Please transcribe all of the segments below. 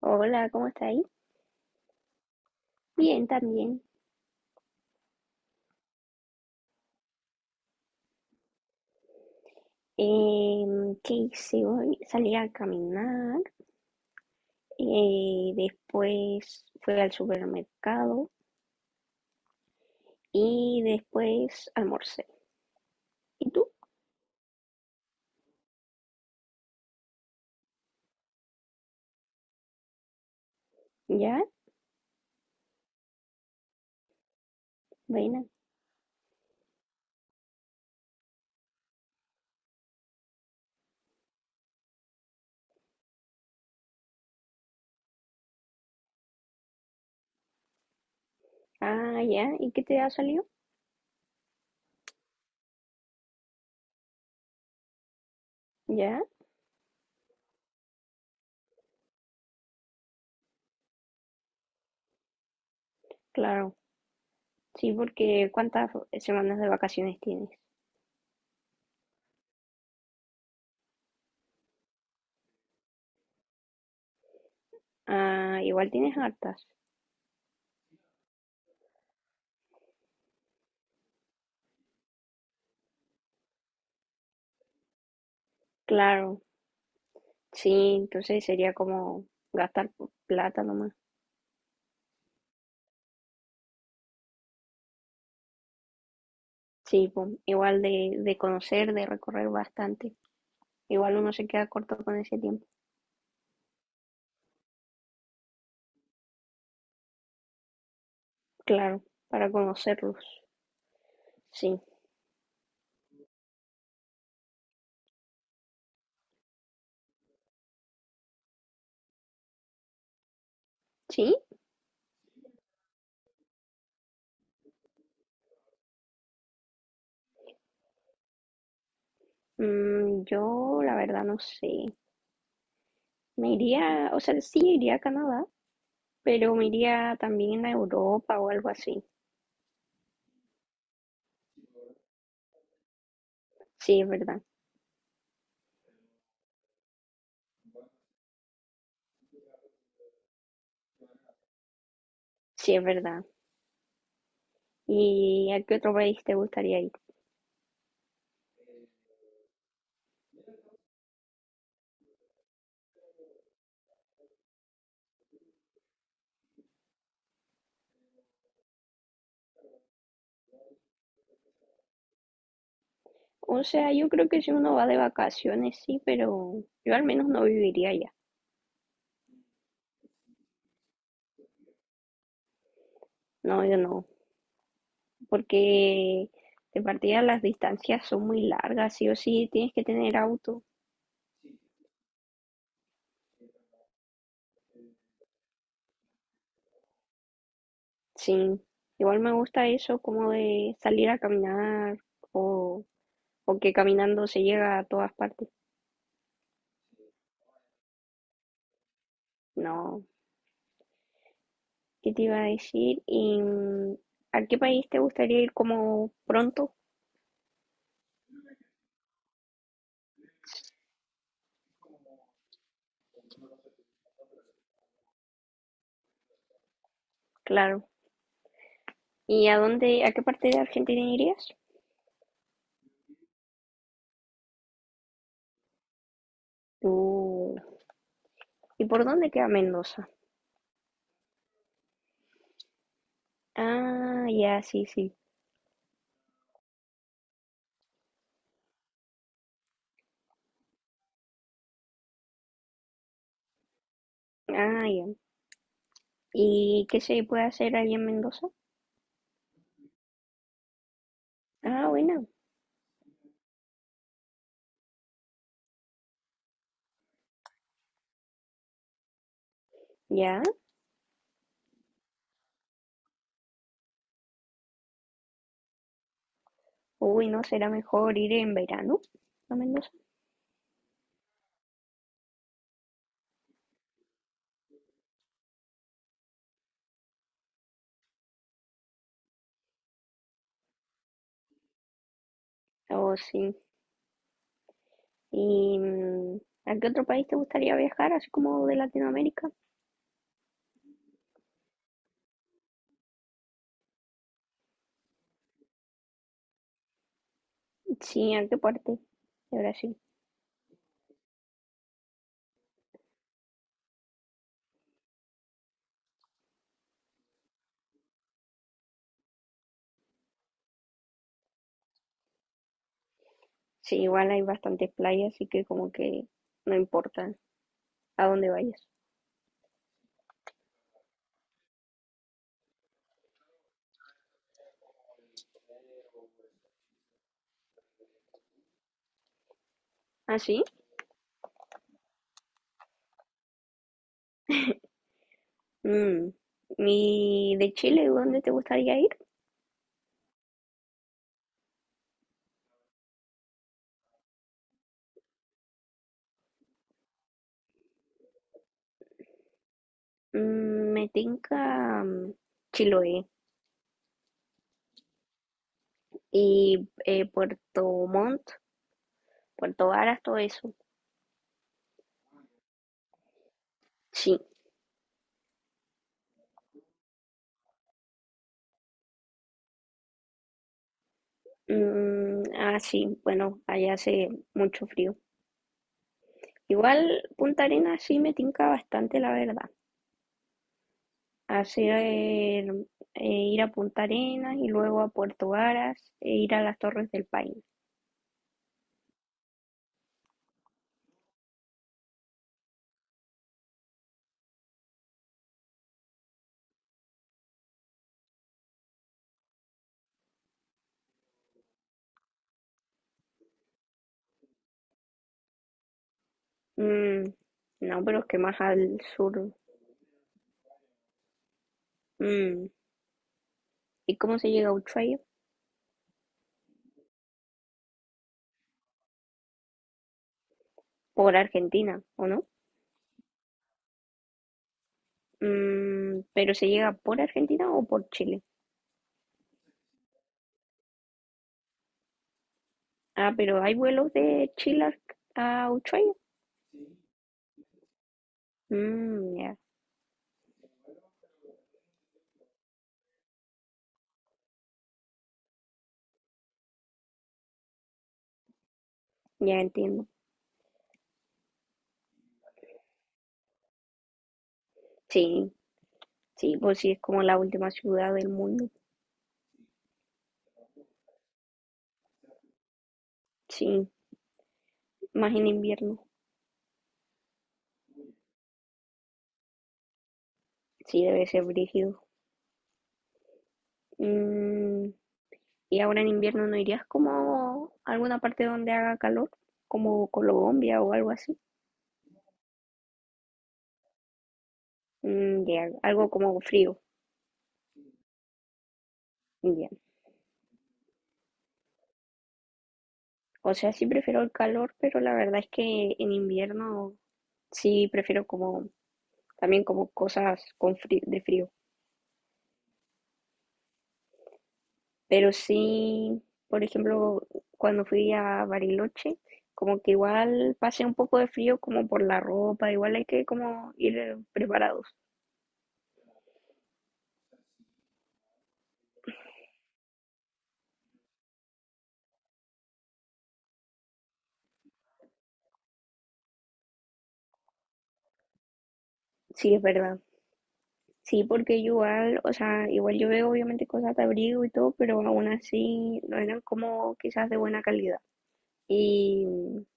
Hola, ¿cómo estáis? Bien, también. ¿Qué hice hoy? Salí a caminar, después fui al supermercado y después almorcé. ¿Y tú? ¿Ya? Buena. Ah, ya. ¿Y qué te ha salido? ¿Ya? Claro. Sí, porque ¿cuántas semanas de vacaciones tienes? Ah, igual tienes hartas. Claro. Sí, entonces sería como gastar plata nomás. Sí, pues, igual de conocer, de recorrer bastante. Igual uno se queda corto con ese tiempo. Claro, para conocerlos. Sí. ¿Sí? Mm, yo la verdad no sé. Me iría, o sea, sí iría a Canadá, pero me iría también a Europa o algo así. Sí, es verdad. Sí, es verdad. ¿Y a qué otro país te gustaría ir? O sea, yo creo que si uno va de vacaciones, sí, pero yo al menos no viviría allá. No, yo no. Porque de partida las distancias son muy largas, sí o sí, tienes que tener auto. Sí, igual me gusta eso como de salir a caminar o, o que caminando se llega a todas partes. No, ¿qué te iba a decir? ¿Y a qué país te gustaría ir como pronto? Claro. ¿Y a dónde, a qué parte de Argentina irías? Uh, ¿Y por dónde queda Mendoza? Ah, ya, sí, sí. Ah, ya. ¿Y qué se puede hacer ahí en Mendoza? Ah, bueno, ya. Uy, ¿no será mejor ir en verano a Mendoza? Oh, sí. ¿Y a qué otro país te gustaría viajar, así como de Latinoamérica? Sí, ¿a qué parte de Brasil? Sí, igual hay bastantes playas, así que como que no importa a dónde vayas. ¿Ah, sí? Mm, ¿y de Chile, dónde te gustaría ir? Mm, me tinca mm, Chiloé y Puerto Montt, Puerto Varas, todo eso. Sí. Mm, ah, sí, bueno, allá hace mucho frío. Igual Punta Arenas sí me tinca bastante, la verdad. Hacer eh, ir a Punta Arenas y luego a Puerto Varas e ir a las Torres del Paine. Mm, no, pero es que más al sur. Mm, ¿y cómo se llega a Ushuaia? Por Argentina, ¿o no? Mm, pero se llega por Argentina o por Chile. Ah, pero hay vuelos de Chile a Ushuaia. Mm, ya, ya entiendo. Sí, sí, pues sí, es como la última ciudad del mundo. Sí, más en invierno. Sí, debe ser brígido. Mm, y ahora en invierno no irías como a alguna parte donde haga calor, como Colombia o algo así. Mm, ya, algo como frío. Ya. O sea, sí prefiero el calor, pero la verdad es que en invierno sí prefiero como también como cosas con de frío. Pero sí, por ejemplo, cuando fui a Bariloche, como que igual pasé un poco de frío como por la ropa, igual hay que como ir preparados. Sí, es verdad. Sí, porque igual, o sea, igual yo veo obviamente cosas de abrigo y todo, pero aún así no eran como quizás de buena calidad. Y,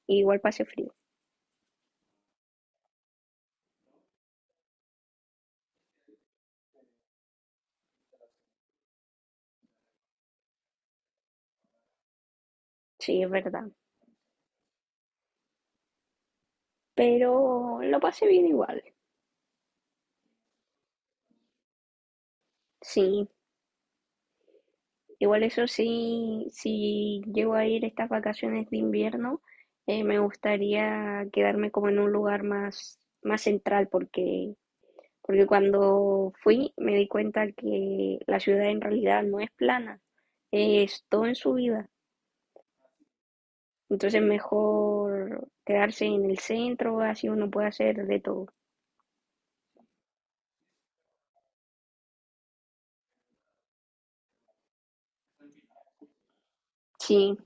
y igual pasé frío, sí, es verdad. Pero lo pasé bien igual, sí. Igual eso sí, si llego a ir estas vacaciones de invierno, me gustaría quedarme como en un lugar más, más central, porque cuando fui me di cuenta que la ciudad en realidad no es plana, es todo en subida. Entonces mejor quedarse en el centro, así uno puede hacer de todo. Sí,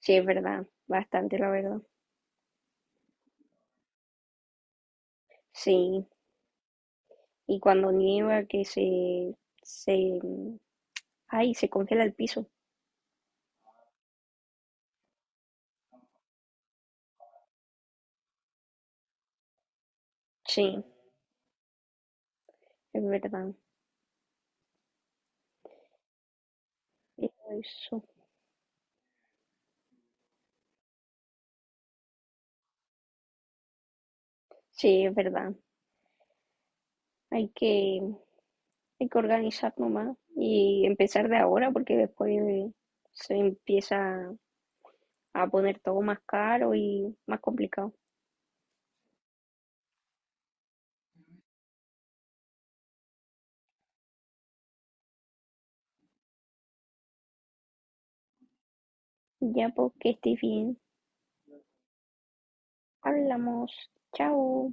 sí, es verdad, bastante la verdad. Sí, y cuando nieva que se, ay, se congela el piso. Sí, es verdad. Eso, sí, es verdad. Hay que, hay que organizar nomás y empezar de ahora porque después se empieza a poner todo más caro y más complicado. Ya, porque estés bien. Hablamos. Chao.